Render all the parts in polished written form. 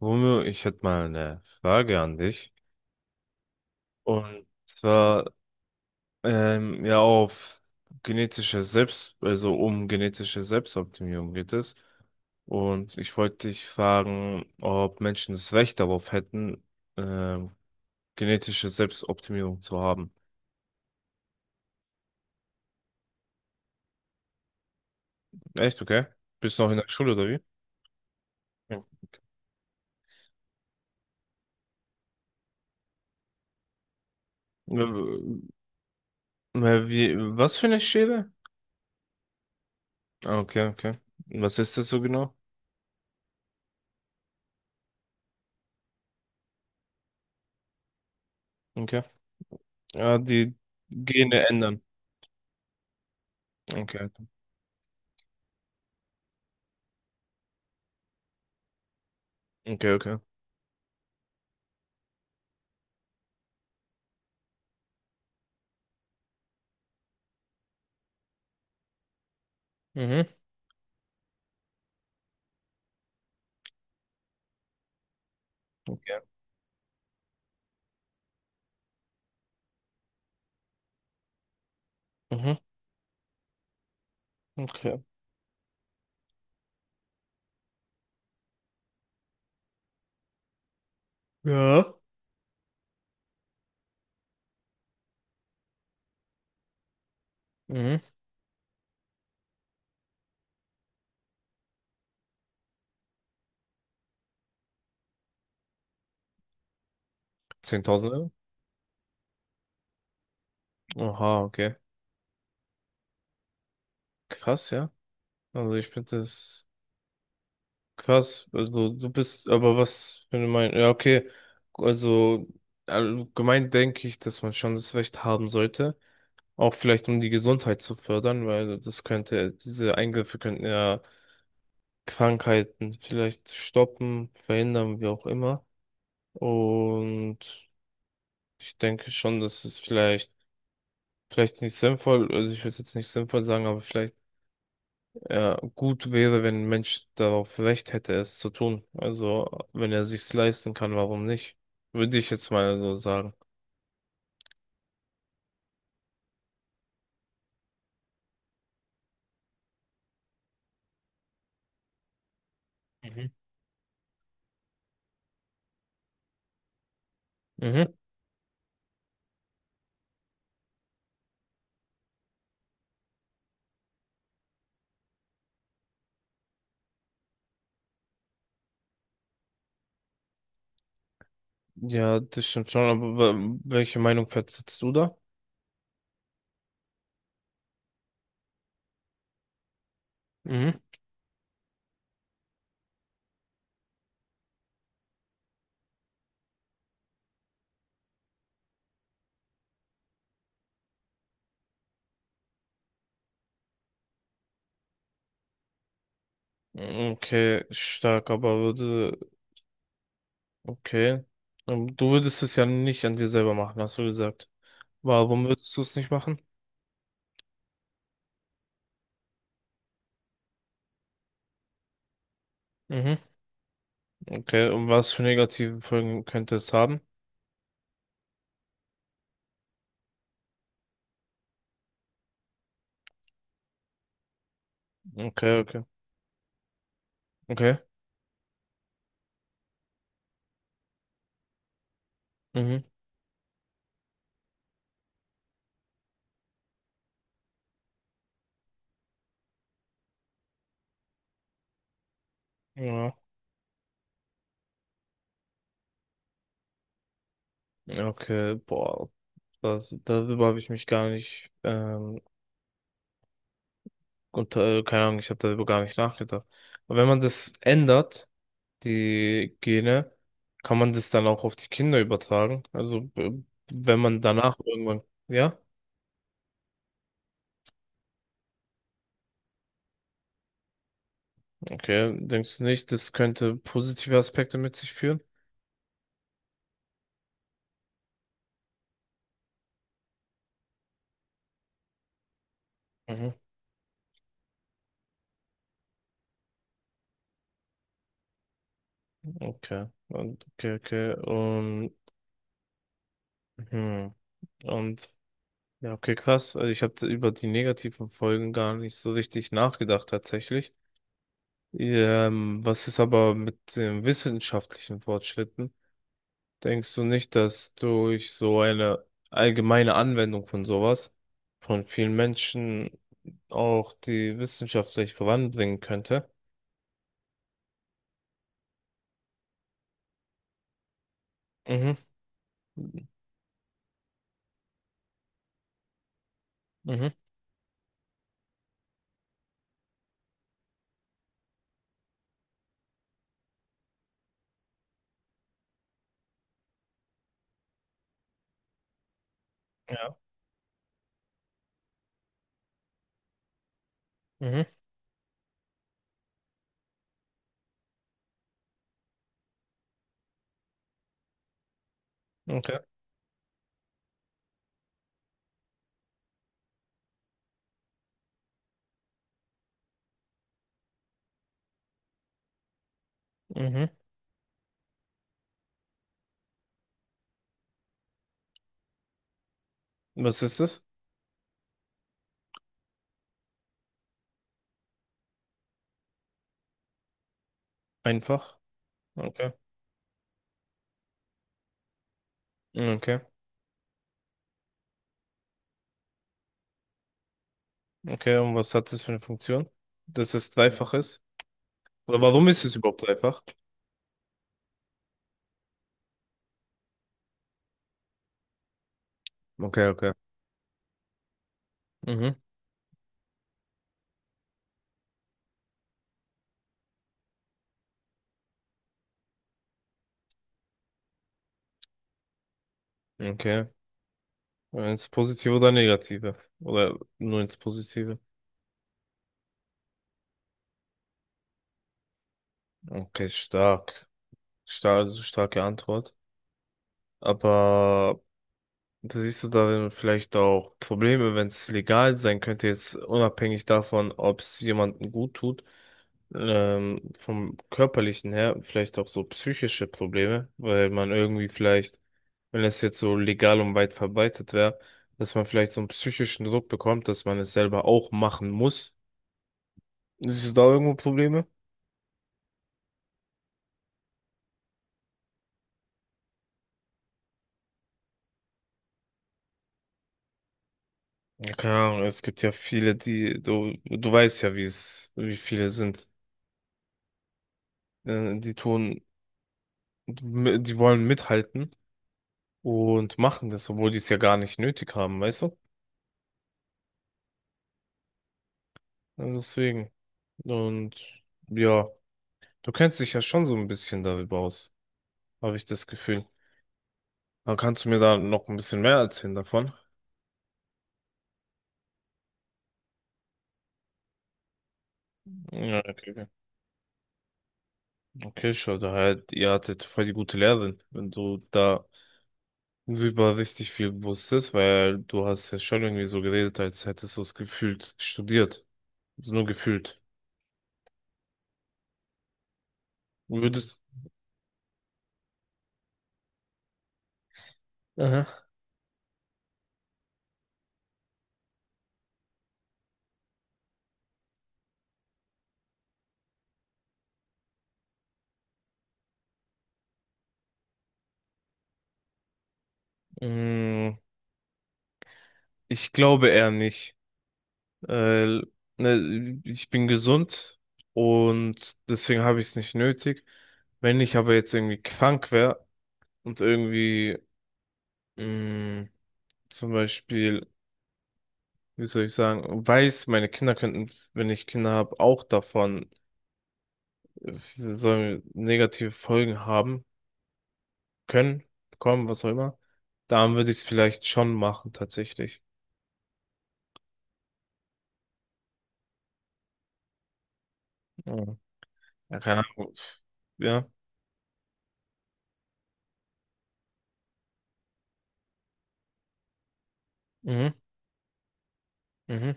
Romeo, ich hätte mal eine Frage an dich. Und zwar, ja, auf genetische Selbst, also um genetische Selbstoptimierung geht es. Und ich wollte dich fragen, ob Menschen das Recht darauf hätten, ähm, genetische Selbstoptimierung zu haben. Echt, okay? Bist du noch in der Schule oder wie? Ja. Äh, Wie, was für eine Schere? Ah, okay, okay. Was ist das so genau? Okay. Ja, die Gene ändern. Okay, okay, okay. Mhm. Okay. Mhm. Okay. Ja. Mhm. 10.000 Euro? Oha, okay. Krass, ja. Also ich finde das krass. Also du bist, aber was für eine Meinung? Ja, okay. Also allgemein denke ich, dass man schon das Recht haben sollte. Auch vielleicht, um die Gesundheit zu fördern, weil das könnte, diese Eingriffe könnten ja Krankheiten vielleicht stoppen, verhindern, wie auch immer. Und ich denke schon, dass es vielleicht nicht sinnvoll, also ich würde es jetzt nicht sinnvoll sagen, aber vielleicht ja, gut wäre, wenn ein Mensch darauf Recht hätte, es zu tun. Also wenn er sich's leisten kann, warum nicht? Würde ich jetzt mal so sagen. Mhm. Mhm. Ja, das stimmt schon, aber welche Meinung vertrittst du da? Mhm. Okay, stark, aber okay. Du würdest es ja nicht an dir selber machen, hast du gesagt. Warum würdest du es nicht machen? Mhm. Okay, und was für negative Folgen könnte es haben? Okay, okay, okay. Mhm. Ja. Ja, okay, boah. Das, darüber habe ich mich gar nicht, keine Ahnung, ich habe darüber gar nicht nachgedacht. Aber wenn man das ändert, die Gene, kann man das dann auch auf die Kinder übertragen? Also, wenn man danach irgendwann, ja? Okay, denkst du nicht, das könnte positive Aspekte mit sich führen? Mhm. Okay. Und, okay, okay. Hm. Und Ja, okay, krass. Also ich habe über die negativen Folgen gar nicht so richtig nachgedacht tatsächlich. Was ist aber mit den wissenschaftlichen Fortschritten? Denkst du nicht, dass durch so eine allgemeine Anwendung von sowas von vielen Menschen auch die wissenschaftlich voranbringen könnte? Mhm. Mhm. Ja. Mhm. Okay. Mhm. Was ist das? Einfach. Okay. Okay. Okay. Und was hat das für eine Funktion? Dass es dreifach ist? Oder warum ist es überhaupt dreifach? Okay, okay. Mhm. Okay. Ins Positive oder Negative? Oder nur ins Positive? Okay, stark. Stark, also starke Antwort. Aber da siehst du darin vielleicht auch Probleme, wenn es legal sein könnte, jetzt unabhängig davon, ob es jemandem gut tut, vom körperlichen her, vielleicht auch so psychische Probleme, weil man irgendwie vielleicht, wenn es jetzt so legal und weit verbreitet wäre, dass man vielleicht so einen psychischen Druck bekommt, dass man es selber auch machen muss. Siehst du da irgendwo Probleme? Ja, keine Ahnung, es gibt ja viele, die, du weißt ja, wie es, wie viele sind, die tun, die wollen mithalten. Und machen das, obwohl die es ja gar nicht nötig haben, weißt du? Und deswegen. Und ja, du kennst dich ja schon so ein bisschen darüber aus, habe ich das Gefühl. Aber kannst du mir da noch ein bisschen mehr erzählen davon? Ja, okay, okay. Okay, schau, da halt, ihr hattet voll die gute Lehrerin, wenn du da über richtig viel wusstest, weil du hast ja schon irgendwie so geredet, als hättest du es gefühlt studiert. Also nur gefühlt. Würdest. Aha. Mm. Ich glaube eher nicht. Äh, ne, ich bin gesund und deswegen habe ich es nicht nötig. Wenn ich aber jetzt irgendwie krank wäre und irgendwie mh, zum Beispiel, wie soll ich sagen, weiß, meine Kinder könnten, wenn ich Kinder habe, auch davon sie sollen negative Folgen haben können, bekommen, was auch immer, dann würde ich es vielleicht schon machen, tatsächlich. Ja, ja, keine Ahnung. Ja. Mhm. Mhm.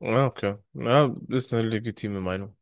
Ja, okay. Ja, ist eine legitime Meinung.